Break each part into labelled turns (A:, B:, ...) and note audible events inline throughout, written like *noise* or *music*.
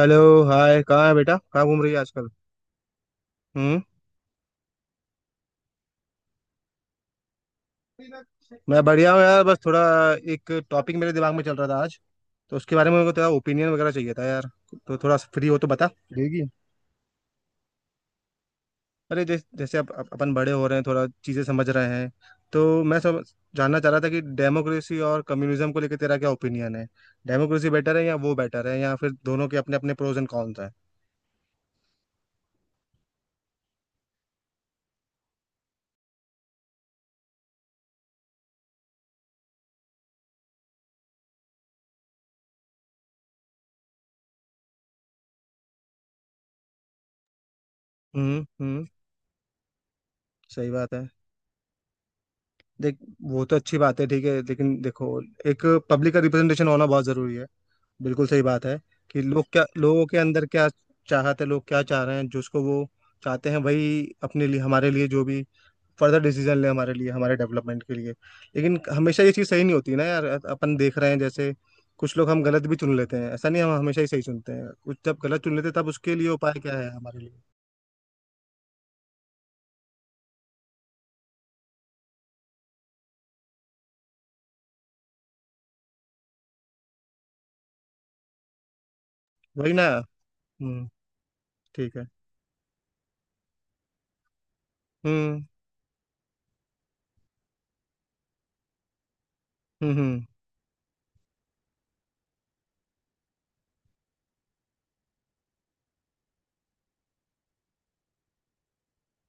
A: Hello hi. कहाँ है बेटा? कहाँ घूम रही है आजकल? हम्म। मैं बढ़िया हूँ यार, बस थोड़ा एक टॉपिक मेरे दिमाग में चल रहा था आज। तो उसके बारे में मेरे को तेरा ओपिनियन वगैरह चाहिए था यार। तो थोड़ा फ्री हो तो बता देगी। अरे जैसे जैसे अब अपन बड़े हो रहे हैं, थोड़ा चीज़ें समझ रहे हैं। तो मैं सब जानना चाह रहा था कि डेमोक्रेसी और कम्युनिज्म को लेकर तेरा क्या ओपिनियन है, डेमोक्रेसी बेटर है या वो बेटर है, या फिर दोनों के अपने अपने प्रोज एंड कॉन्स हैं? हम्म। सही बात है। देख, वो तो अच्छी बात है, ठीक है, लेकिन देखो, एक पब्लिक का रिप्रेजेंटेशन होना बहुत जरूरी है। बिल्कुल सही बात है कि लोग क्या, लोगों के अंदर क्या चाहते हैं, लोग क्या चाह रहे हैं, जिसको वो चाहते हैं वही अपने लिए हमारे लिए जो भी फर्दर डिसीजन ले हमारे लिए हमारे डेवलपमेंट के लिए। लेकिन हमेशा ये चीज़ सही नहीं होती ना यार, अपन देख रहे हैं जैसे कुछ लोग हम गलत भी चुन लेते हैं, ऐसा नहीं हम हमेशा ही सही चुनते हैं। कुछ जब गलत चुन लेते हैं तब उसके लिए उपाय क्या है हमारे लिए? वही ना। हम्म। ठीक है। हम्म हम्म।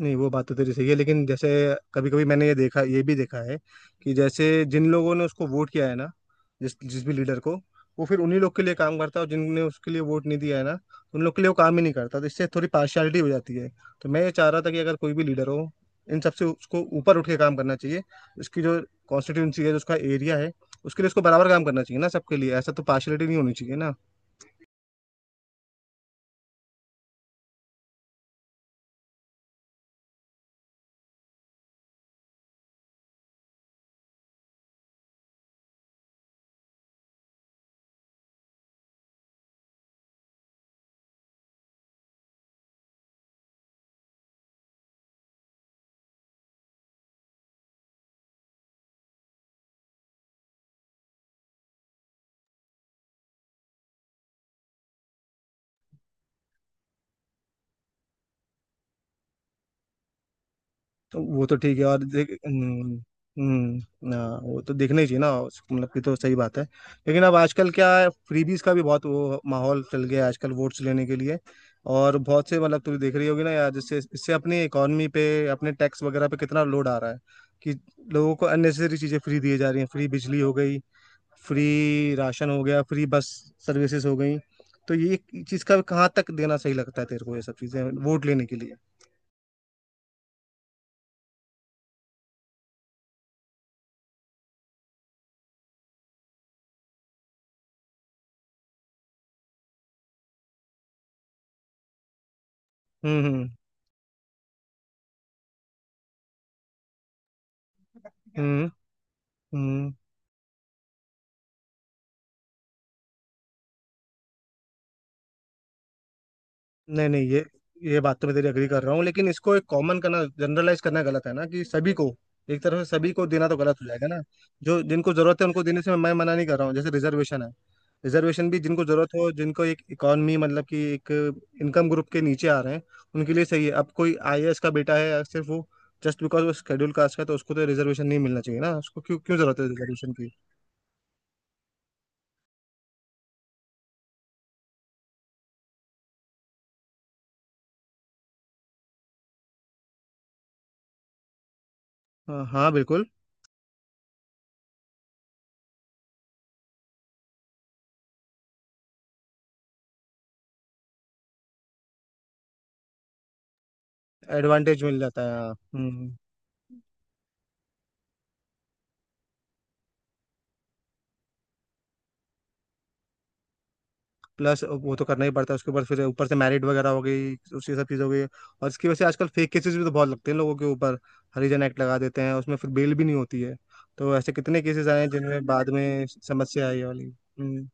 A: नहीं, वो बात तो तेरी सही है लेकिन जैसे कभी कभी मैंने ये देखा, ये भी देखा है, कि जैसे जिन लोगों ने उसको वोट किया है ना, जिस जिस भी लीडर को, वो फिर उन्हीं लोग के लिए काम करता है, और जिनने उसके लिए वोट नहीं दिया है ना उन लोग के लिए वो काम ही नहीं करता। तो इससे थोड़ी पार्शियलिटी हो जाती है। तो मैं ये चाह रहा था कि अगर कोई भी लीडर हो, इन सबसे उसको ऊपर उठ के काम करना चाहिए। उसकी जो कॉन्स्टिट्यूंसी है, जो उसका एरिया है, उसके लिए उसको बराबर काम करना चाहिए ना, सबके लिए। ऐसा तो पार्शियलिटी नहीं होनी चाहिए ना। तो वो तो ठीक है, और देख। हम्म। हाँ, वो तो देखना ही चाहिए ना। मतलब कि तो सही बात है। लेकिन अब आजकल क्या है, फ्रीबीज का भी बहुत वो माहौल चल गया है आजकल वोट्स लेने के लिए। और बहुत से, मतलब तुम देख रही होगी ना यार, जिससे इससे अपनी इकोनॉमी पे अपने टैक्स वगैरह पे कितना लोड आ रहा है, कि लोगों को अननेसेसरी चीजें फ्री दी जा रही हैं। फ्री बिजली हो गई, फ्री राशन हो गया, फ्री बस सर्विसेज हो गई। तो ये चीज का कहाँ तक देना सही लगता है तेरे को, ये सब चीजें वोट लेने के लिए? हम्म हम्म हम्म हम्म। नहीं नहीं, ये बात तो मैं तेरी एग्री कर रहा हूँ, लेकिन इसको एक कॉमन करना, जनरलाइज करना गलत है ना, कि सभी को एक तरह से सभी को देना तो गलत हो जाएगा ना। जो जिनको जरूरत है उनको देने से मैं मना नहीं कर रहा हूँ, जैसे रिजर्वेशन है। रिजर्वेशन भी जिनको जरूरत हो, जिनको एक इकोनॉमी मतलब कि एक इनकम ग्रुप के नीचे आ रहे हैं, उनके लिए सही है। अब कोई आईएएस का बेटा है, या सिर्फ वो जस्ट बिकॉज वो शेड्यूल कास्ट का है, तो उसको तो रिजर्वेशन नहीं मिलना चाहिए ना, उसको क्यों क्यों जरूरत है रिजर्वेशन की? हाँ हाँ, बिल्कुल। एडवांटेज मिल जाता है हाँ। हम्म हम्म। प्लस वो तो करना ही पड़ता है, उसके ऊपर फिर ऊपर से मैरिड वगैरह हो गई, उसकी सब चीज़ हो गई, और इसकी वजह से आजकल फेक केसेस भी तो बहुत लगते हैं लोगों के ऊपर। हरिजन एक्ट लगा देते हैं, उसमें फिर बेल भी नहीं होती है। तो ऐसे कितने केसेस आए हैं जिनमें बाद में समस्या आई है वाली। हम्म।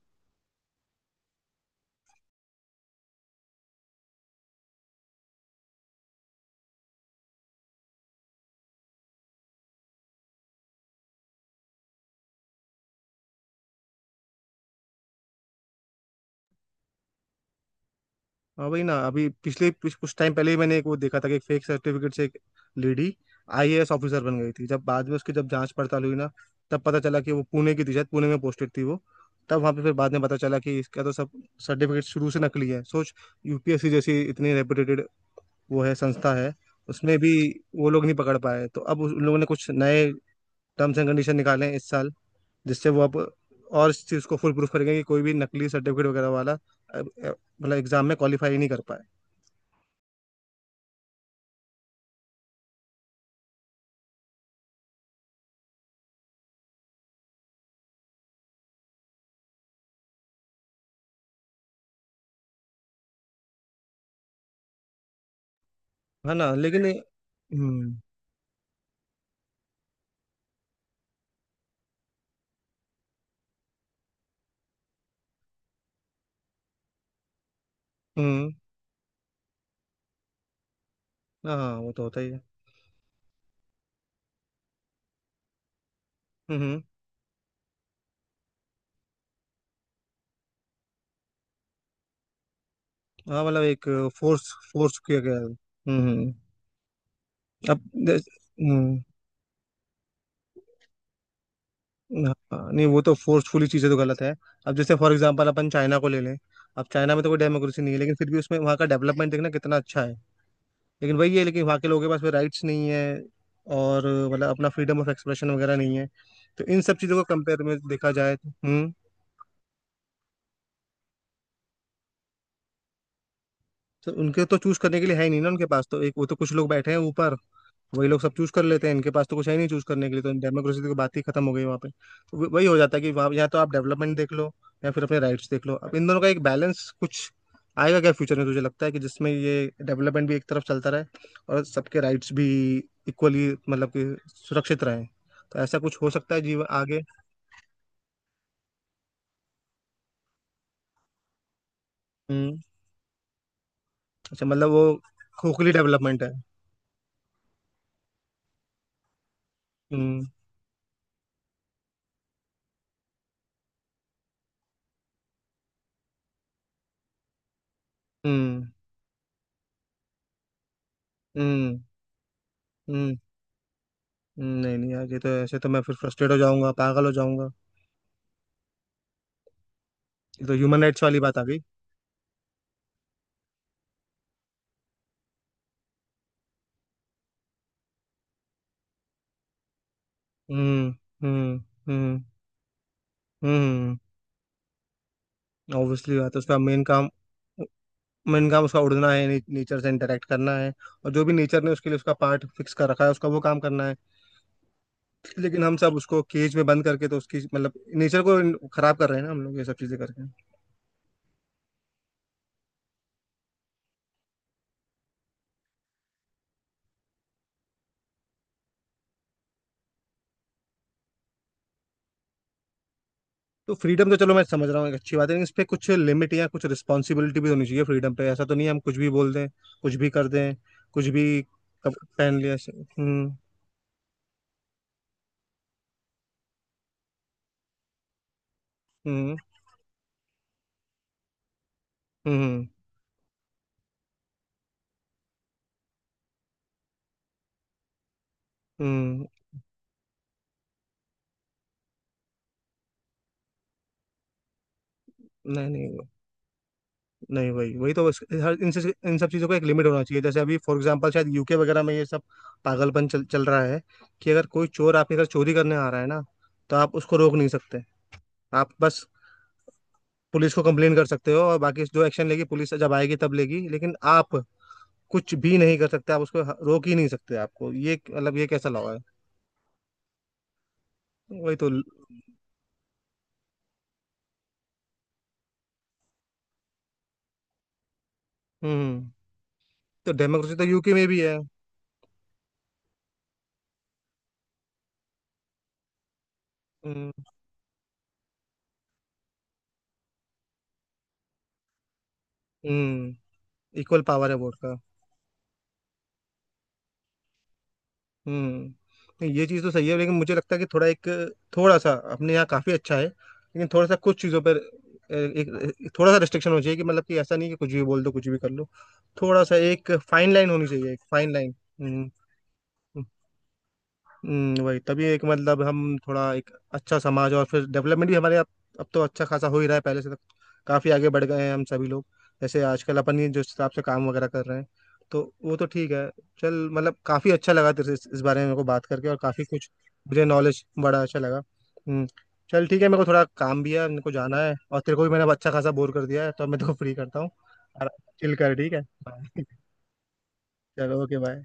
A: हाँ भाई ना, अभी पिछले कुछ कुछ टाइम पहले ही मैंने एक वो देखा था कि एक फेक सर्टिफिकेट से एक लेडी आईएएस ऑफिसर बन गई थी। जब बाद में उसकी जब जांच पड़ताल हुई ना, तब पता चला कि वो पुणे की थी, शायद पुणे में पोस्टेड थी वो। तब वहाँ पे फिर बाद में पता चला कि इसका तो सब सर्टिफिकेट शुरू से नकली है। सोच, यूपीएससी जैसी इतनी रेपुटेटेड वो है, संस्था है, उसमें भी वो लोग नहीं पकड़ पाए। तो अब उन लोगों ने कुछ नए टर्म्स एंड कंडीशन निकाले हैं इस साल, जिससे वो अब और इस चीज़ को फुल प्रूफ करेंगे, कि कोई भी नकली सर्टिफिकेट वगैरह वाला मतलब एग्जाम में क्वालिफाई नहीं कर पाए। है ना, लेकिन। हम्म हम्म। हाँ वो तो होता ही है। हम्म। हाँ मतलब एक फोर्स फोर्स किया गया है। हम्म। अब जैस- हम्म। हाँ, नहीं वो तो फोर्सफुली चीज़ें तो गलत है। अब जैसे फॉर एग्जांपल अपन चाइना को ले लें। अब चाइना में तो कोई डेमोक्रेसी नहीं है, लेकिन फिर भी उसमें वहाँ का डेवलपमेंट देखना कितना अच्छा है। लेकिन वही है, लेकिन वहाँ के लोगों के पास राइट्स नहीं है, और मतलब अपना फ्रीडम ऑफ एक्सप्रेशन वगैरह नहीं है। तो इन सब चीज़ों को कंपेयर में देखा जाए तो। हम्म। तो उनके तो चूज करने के लिए है ही नहीं ना, उनके पास तो एक, वो तो कुछ लोग बैठे हैं ऊपर, वही लोग सब चूज कर लेते हैं, इनके पास तो कुछ है ही नहीं चूज करने के लिए। तो डेमोक्रेसी की बात ही खत्म हो गई वहाँ पे। तो वही हो जाता है, कि वहाँ या तो आप डेवलपमेंट देख लो, या फिर अपने राइट्स देख लो। अब इन दोनों का एक बैलेंस कुछ आएगा क्या फ्यूचर में, तुझे लगता है, कि जिसमें ये डेवलपमेंट भी एक तरफ चलता रहे, और सबके राइट्स भी इक्वली मतलब कि सुरक्षित रहे? तो ऐसा कुछ हो सकता है जीवन आगे? हम्म। अच्छा मतलब वो खोखली डेवलपमेंट है। हम्म हम्म हम्म हम्म। नहीं नहीं यार, ये तो ऐसे तो मैं फिर फ्रस्ट्रेट हो जाऊंगा, पागल हो जाऊंगा। ये तो ह्यूमन राइट्स वाली बात आ गई। हम्म हम्म हम्म हम्म। ऑब्वियसली बात है उसका मेन काम। मेन काम उसका उड़ना है ने, नेचर से इंटरेक्ट करना है, और जो भी नेचर ने उसके लिए उसका पार्ट फिक्स कर रखा है उसका वो काम करना है। लेकिन हम सब उसको केज में बंद करके तो उसकी मतलब नेचर को खराब कर रहे हैं ना हम लोग ये सब चीजें करके। तो फ्रीडम तो, चलो मैं समझ रहा हूँ एक अच्छी बात है, लेकिन इस पे कुछ लिमिट या कुछ रिस्पॉन्सिबिलिटी भी होनी चाहिए फ्रीडम पे। ऐसा तो नहीं है हम कुछ भी बोल दें, कुछ भी कर दें, कुछ भी पहन लिया ऐसे। हम्म हम्म हम्म। नहीं नहीं नहीं, वही वही तो बस, हर इन से इन सब चीज़ों का एक लिमिट होना चाहिए, जैसे अभी फॉर एग्जांपल शायद यूके वगैरह में ये सब पागलपन चल चल रहा है। कि अगर कोई चोर आपके घर चोरी करने आ रहा है ना, तो आप उसको रोक नहीं सकते। आप बस पुलिस को कंप्लेन कर सकते हो, और बाकी जो एक्शन लेगी पुलिस जब आएगी तब लेगी, लेकिन आप कुछ भी नहीं कर सकते, आप उसको रोक ही नहीं सकते। आपको ये मतलब ये कैसा लॉ है? वही तो। हम्म। तो डेमोक्रेसी तो यूके में भी है। हम्म हम्म। इक्वल पावर है वोट का। हम्म। नहीं, ये चीज़ तो सही है, लेकिन मुझे लगता है कि थोड़ा एक, थोड़ा सा अपने यहाँ काफ़ी अच्छा है, लेकिन थोड़ा सा कुछ चीज़ों पर एक एक थोड़ा सा रिस्ट्रिक्शन होना चाहिए, कि मतलब कि ऐसा नहीं कि कुछ भी बोल दो, कुछ भी कर लो। थोड़ा सा एक फाइन लाइन होनी चाहिए, एक फाइन लाइन। वही तभी एक मतलब हम थोड़ा एक अच्छा समाज और फिर डेवलपमेंट भी हमारे अब। अब तो अच्छा खासा हो ही रहा है पहले से तो, काफ़ी आगे बढ़ गए हैं हम सभी लोग। जैसे आजकल अपन ये जो हिसाब से काम वगैरह कर रहे हैं, तो वो तो ठीक है। चल मतलब काफ़ी अच्छा लगा तेरे से इस बारे में मेरे को बात करके, और काफ़ी कुछ मुझे नॉलेज बड़ा अच्छा लगा। हम्म। चल ठीक है, मेरे को थोड़ा काम भी है, मेरे को जाना है, और तेरे को भी मैंने अब अच्छा खासा बोर कर दिया है, तो अब मैं तेरे को फ्री करता हूँ। आराम चिल कर, ठीक है Bye. *laughs* चलो ओके बाय।